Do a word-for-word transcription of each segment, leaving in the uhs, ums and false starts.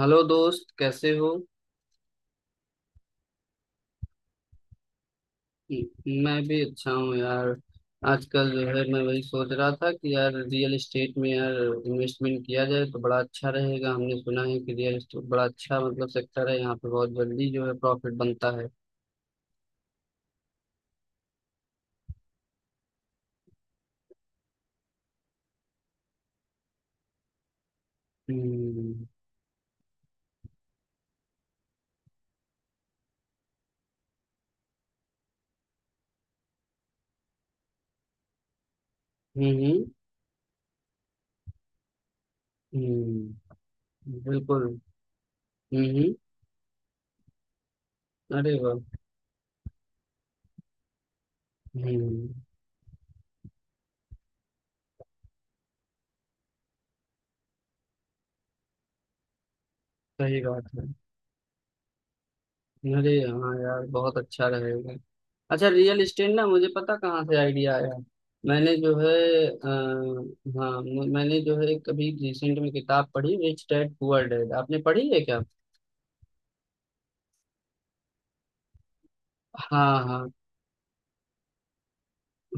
Hello दोस्त, कैसे हो? म- मैं भी अच्छा हूँ यार। आजकल जो है मैं वही सोच रहा था कि यार रियल एस्टेट में यार इन्वेस्टमेंट किया जाए तो बड़ा अच्छा रहेगा। हमने सुना है कि रियल एस्टेट बड़ा अच्छा मतलब सेक्टर है, यहाँ पे बहुत जल्दी जो है प्रॉफिट बनता है। हम्म। हम्म। हम्म। बिल्कुल। हम्म। हम्म, अरे वाह! हम्म। सही बात है। अरे हाँ यार, बहुत अच्छा रहेगा। अच्छा रियल इस्टेट ना, मुझे पता कहाँ से आइडिया आया। मैंने जो है आ, हाँ, मु- मैंने जो है कभी रिसेंट में किताब पढ़ी, रिच डैड पुअर डैड, आपने पढ़ी है क्या? हाँ हाँ।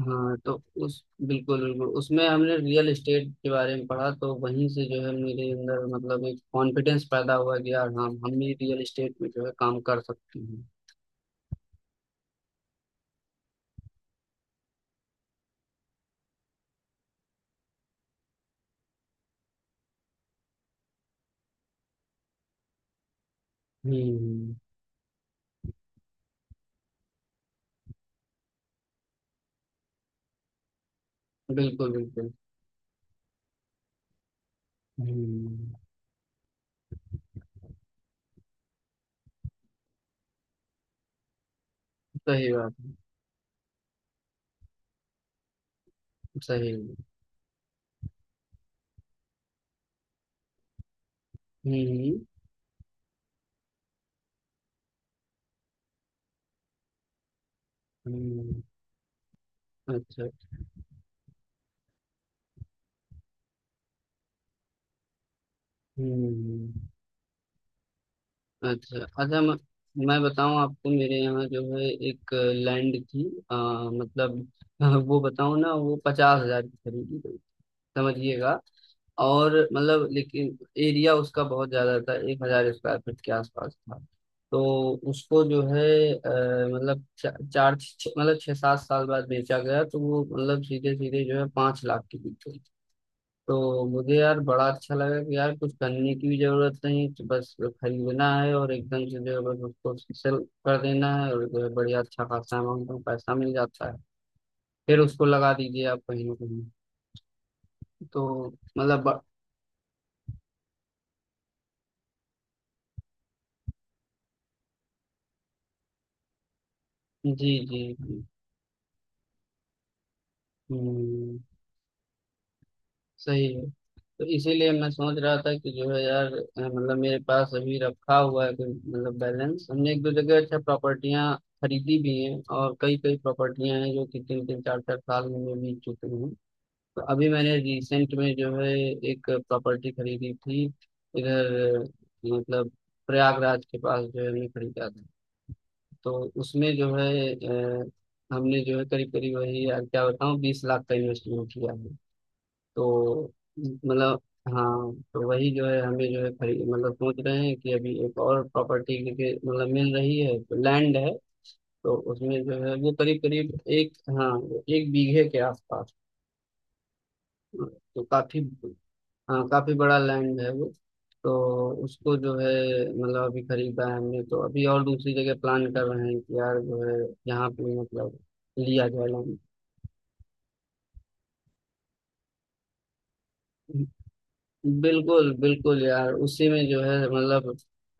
हाँ तो उस बिल्कुल बिल्कुल, उसमें हमने रियल इस्टेट के बारे में पढ़ा, तो वहीं से जो है मेरे अंदर मतलब एक कॉन्फिडेंस पैदा हुआ कि यार हाँ, हम भी रियल इस्टेट में जो है काम कर सकते हैं। हम्म। बिल्कुल बिल्कुल। हम्म। सही बात। सही। हम्म। हम्म। अच्छा। हम्म। अच्छा अच्छा। मैं, मैं बताऊं आपको, मेरे यहाँ जो है एक लैंड थी। अ, मतलब अ, वो बताऊं ना, वो पचास हजार की खरीदी गई, समझिएगा। और मतलब लेकिन एरिया उसका बहुत ज्यादा था, एक हजार स्क्वायर फीट के आसपास था। तो उसको जो है अ, मतलब चा, चार छ- मतलब छह सात साल बाद बेचा गया, तो वो मतलब सीधे सीधे जो है पांच लाख की बिकी। तो मुझे यार बड़ा अच्छा लगा कि यार कुछ करने की भी जरूरत नहीं, तो बस खरीदना है और एकदम से जो है बस उसको सेल कर देना है, और जो है बढ़िया अच्छा खासा अमाउंट में पैसा मिल जाता है। फिर उसको लगा दीजिए आप कहीं ना कहीं। तो मतलब ब- जी जी जी, हम्म, सही है। तो इसीलिए मैं सोच रहा था कि जो है यार अ, मतलब मेरे पास अभी रखा हुआ है कोई मतलब बैलेंस। हमने एक दो जगह अच्छा प्रॉपर्टियां खरीदी भी हैं, और कई कई प्रॉपर्टियां हैं जो कि तीन तीन चार चार साल में बीत चुकी हैं। तो अभी मैंने रिसेंट में जो है एक प्रॉपर्टी खरीदी थी इधर, मतलब प्रयागराज के पास जो है हमने खरीदा था। तो उसमें जो है अ, हमने जो है करीब करीब वही यार क्या बताऊँ बीस लाख का इन्वेस्टमेंट किया है। तो मतलब हाँ, तो वही जो है हमें जो है खरीद मतलब सोच रहे हैं कि अभी एक और प्रॉपर्टी के मतलब मिल रही है तो लैंड है। तो उसमें जो है वो करीब करीब एक, हाँ, एक बीघे के आसपास। तो काफी, हाँ, काफी बड़ा लैंड है वो। तो उसको जो है मतलब अभी खरीदा है हमने, तो अभी और दूसरी जगह प्लान कर रहे हैं कि यार जो है यहाँ पे मतलब लिया जाए लैंड। बिल्कुल बिल्कुल यार, उसी में जो है मतलब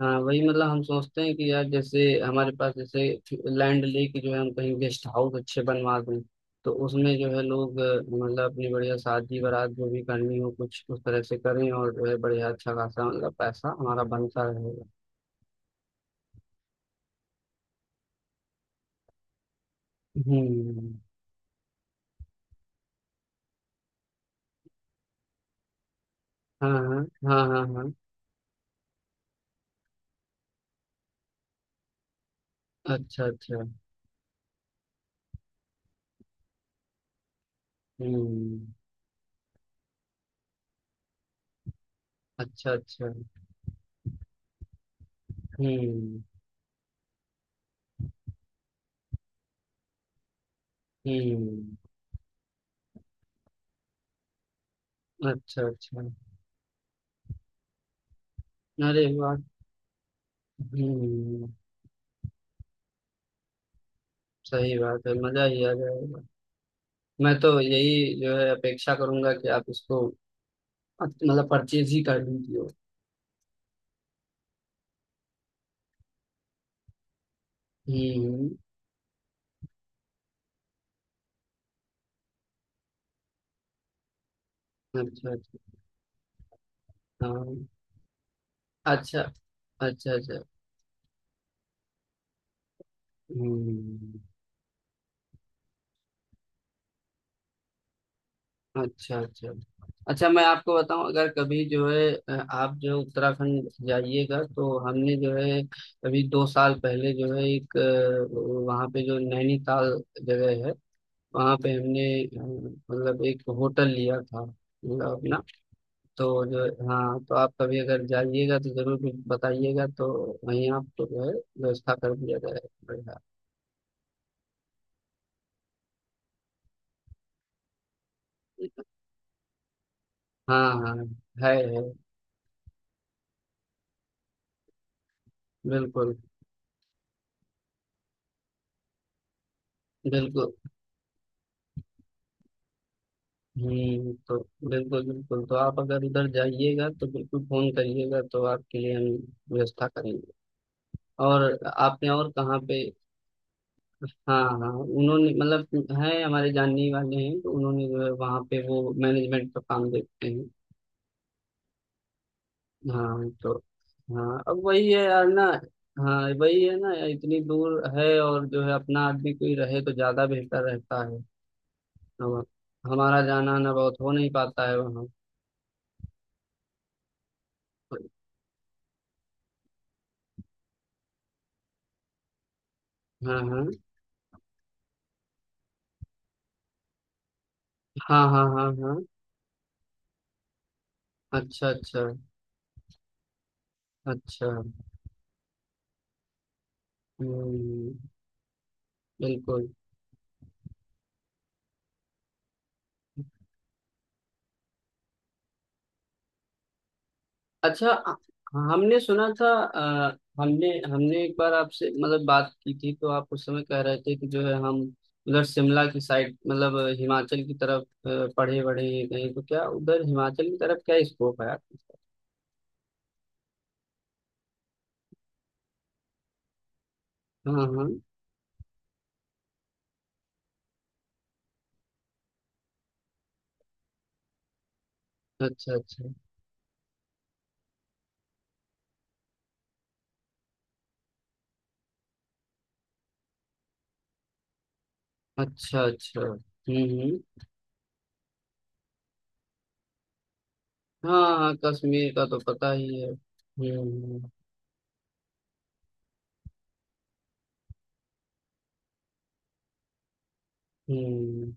हाँ वही, मतलब हम सोचते हैं कि यार जैसे हमारे पास जैसे लैंड लेके जो है हम कहीं गेस्ट हाउस अच्छे बनवा दें। तो उसमें जो है लोग अ, मतलब अपनी बढ़िया शादी बारात जो भी करनी हो कुछ उस तरह से करें, और जो है बढ़िया अच्छा खासा मतलब पैसा हमारा बनता रहे। हम्म। हाँ हाँ हाँ हाँ हाँ। अच्छा अच्छा। हम्म। अच्छा अच्छा। हम्म हम्म। अच्छा अच्छा। अरे बात! हम्म। सही बात है, मजा ही आ जाएगा। मैं तो यही जो है अपेक्षा करूंगा कि आप इसको अत- मतलब परचेज ही कर लीजिए। हम्म। अच्छा अच्छा। हाँ। अच्छा अच्छा। अच्छा। हम्म। अच्छा अच्छा। अच्छा मैं आपको बताऊं, अगर कभी जो है अ, आप जो उत्तराखंड जाइएगा तो हमने जो है अभी दो साल पहले जो है एक अ, वहाँ पे जो नैनीताल जगह है, वहाँ पे हमने अ, मतलब एक होटल लिया था मतलब अपना। तो जो हाँ, तो आप कभी अगर जाइएगा तो जरूर भी बताइएगा, तो वहीं आपको जो है व्यवस्था कर दिया जाएगा। हाँ हाँ। है है। बिल्कुल बिल्कुल। हम्म। तो बिल्कुल बिल्कुल, तो आप अगर उधर जाइएगा तो बिल्कुल फोन करिएगा, तो आपके लिए हम व्यवस्था करेंगे। और आपने और कहाँ पे? हाँ हाँ, उन्होंने मतलब हैं हमारे जानने वाले हैं, तो उन्होंने जो है वहाँ पे वो मैनेजमेंट का काम देखते हैं। हाँ तो। हाँ, अब वही है यार ना। हाँ वही है ना, इतनी दूर है और जो है अपना आदमी कोई रहे तो ज्यादा बेहतर रहता है। हम, हमारा जाना आना बहुत हो नहीं पाता है वहाँ। हाँ हाँ हाँ हाँ हाँ हाँ। अच्छा अच्छा अच्छा। हम्म, बिल्कुल। अच्छा अ- हमने सुना था, अ, हमने हमने एक बार आपसे मतलब बात की थी, तो आप उस समय कह रहे थे कि जो है हम उधर शिमला की साइड मतलब अ, हिमाचल की तरफ अ, पढ़े बढ़े गए, तो क्या उधर हिमाचल की तरफ क्या स्कोप है आपके? हाँ हाँ। अच्छा अच्छा। अच्छा अच्छा। हम्म हम्म। हाँ हाँ, कश्मीर का तो पता ही है। हम्म हम्म। हम्म।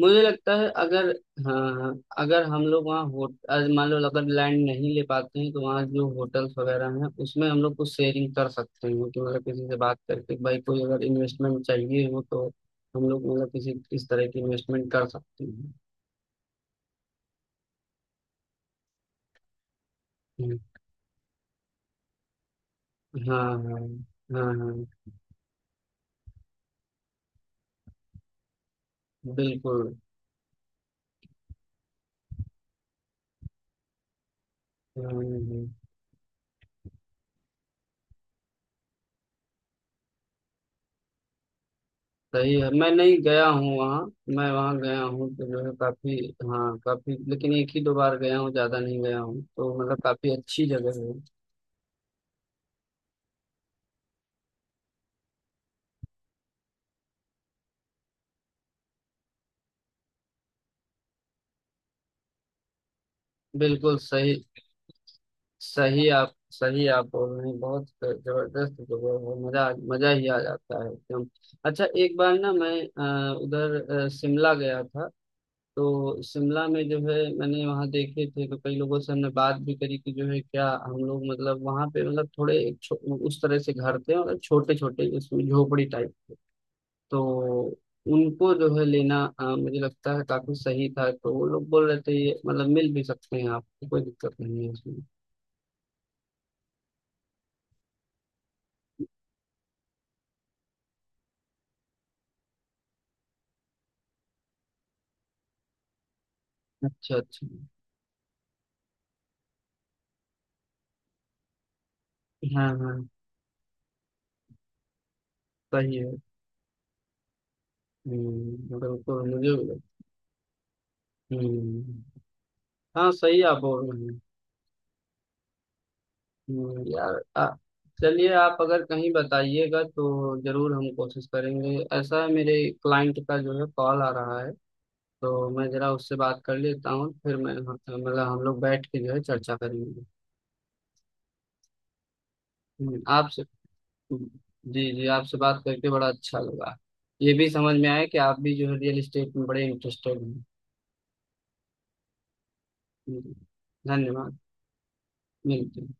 मुझे लगता है अगर, हाँ, अगर हम लोग वहाँ होट अ, मान लो अगर लैंड नहीं ले पाते हैं, तो वहाँ जो होटल्स वगैरह हैं उसमें हम लोग कुछ शेयरिंग कर सकते हैं कि मतलब किसी से बात करके, भाई कोई अगर इन्वेस्टमेंट चाहिए हो तो हम लोग मतलब किसी इस तरह की इन्वेस्टमेंट कर सकते हैं। हम्म, हाँ हाँ हाँ हाँ। बिल्कुल। हम्म, सही है, मैं नहीं गया हूँ वहाँ। मैं वहाँ गया हूँ तो जो है काफी, हाँ, काफी, लेकिन एक ही दो बार गया हूँ, ज्यादा नहीं गया हूँ, तो मतलब काफी अच्छी जगह है। बिल्कुल सही। सही आप सही आप बोल रहे हैं, बहुत जबरदस्त जगह है, मजा मजा ही आ जाता है एकदम। अच्छा एक बार ना मैं अ, उधर अ, शिमला गया था। तो शिमला में जो है मैंने वहाँ देखे थे, तो कई लोगों से हमने बात भी करी कि जो है क्या हम लोग मतलब वहाँ पे मतलब थोड़े छो, उस तरह से घर थे मतलब छोटे छोटे, उसमें झोपड़ी टाइप के। तो उनको जो है लेना, अ, मुझे लगता है काफी सही था। तो वो लोग बोल रहे थे ये मतलब मिल भी सकते हैं आपको, कोई दिक्कत नहीं है उसमें। अच्छा अच्छा। हाँ हाँ। सही है। हम्म, बिल्कुल मुझे भी लग- हम्म। हाँ, सही आप बोल रहे हैं। हम्म, यार आ- चलिए, आप अगर कहीं बताइएगा तो जरूर हम कोशिश करेंगे। ऐसा है, मेरे क्लाइंट का जो है कॉल आ रहा है, तो मैं जरा उससे बात कर लेता हूँ, फिर मैं मतलब हम लोग बैठ के जो है चर्चा करेंगे। हम्म, आपसे। जी जी, आपसे बात करके बड़ा अच्छा लगा, ये भी समझ में आया कि आप भी जो है रियल एस्टेट में बड़े इंटरेस्टेड हैं। हम्म, धन्यवाद। मिलते हैं।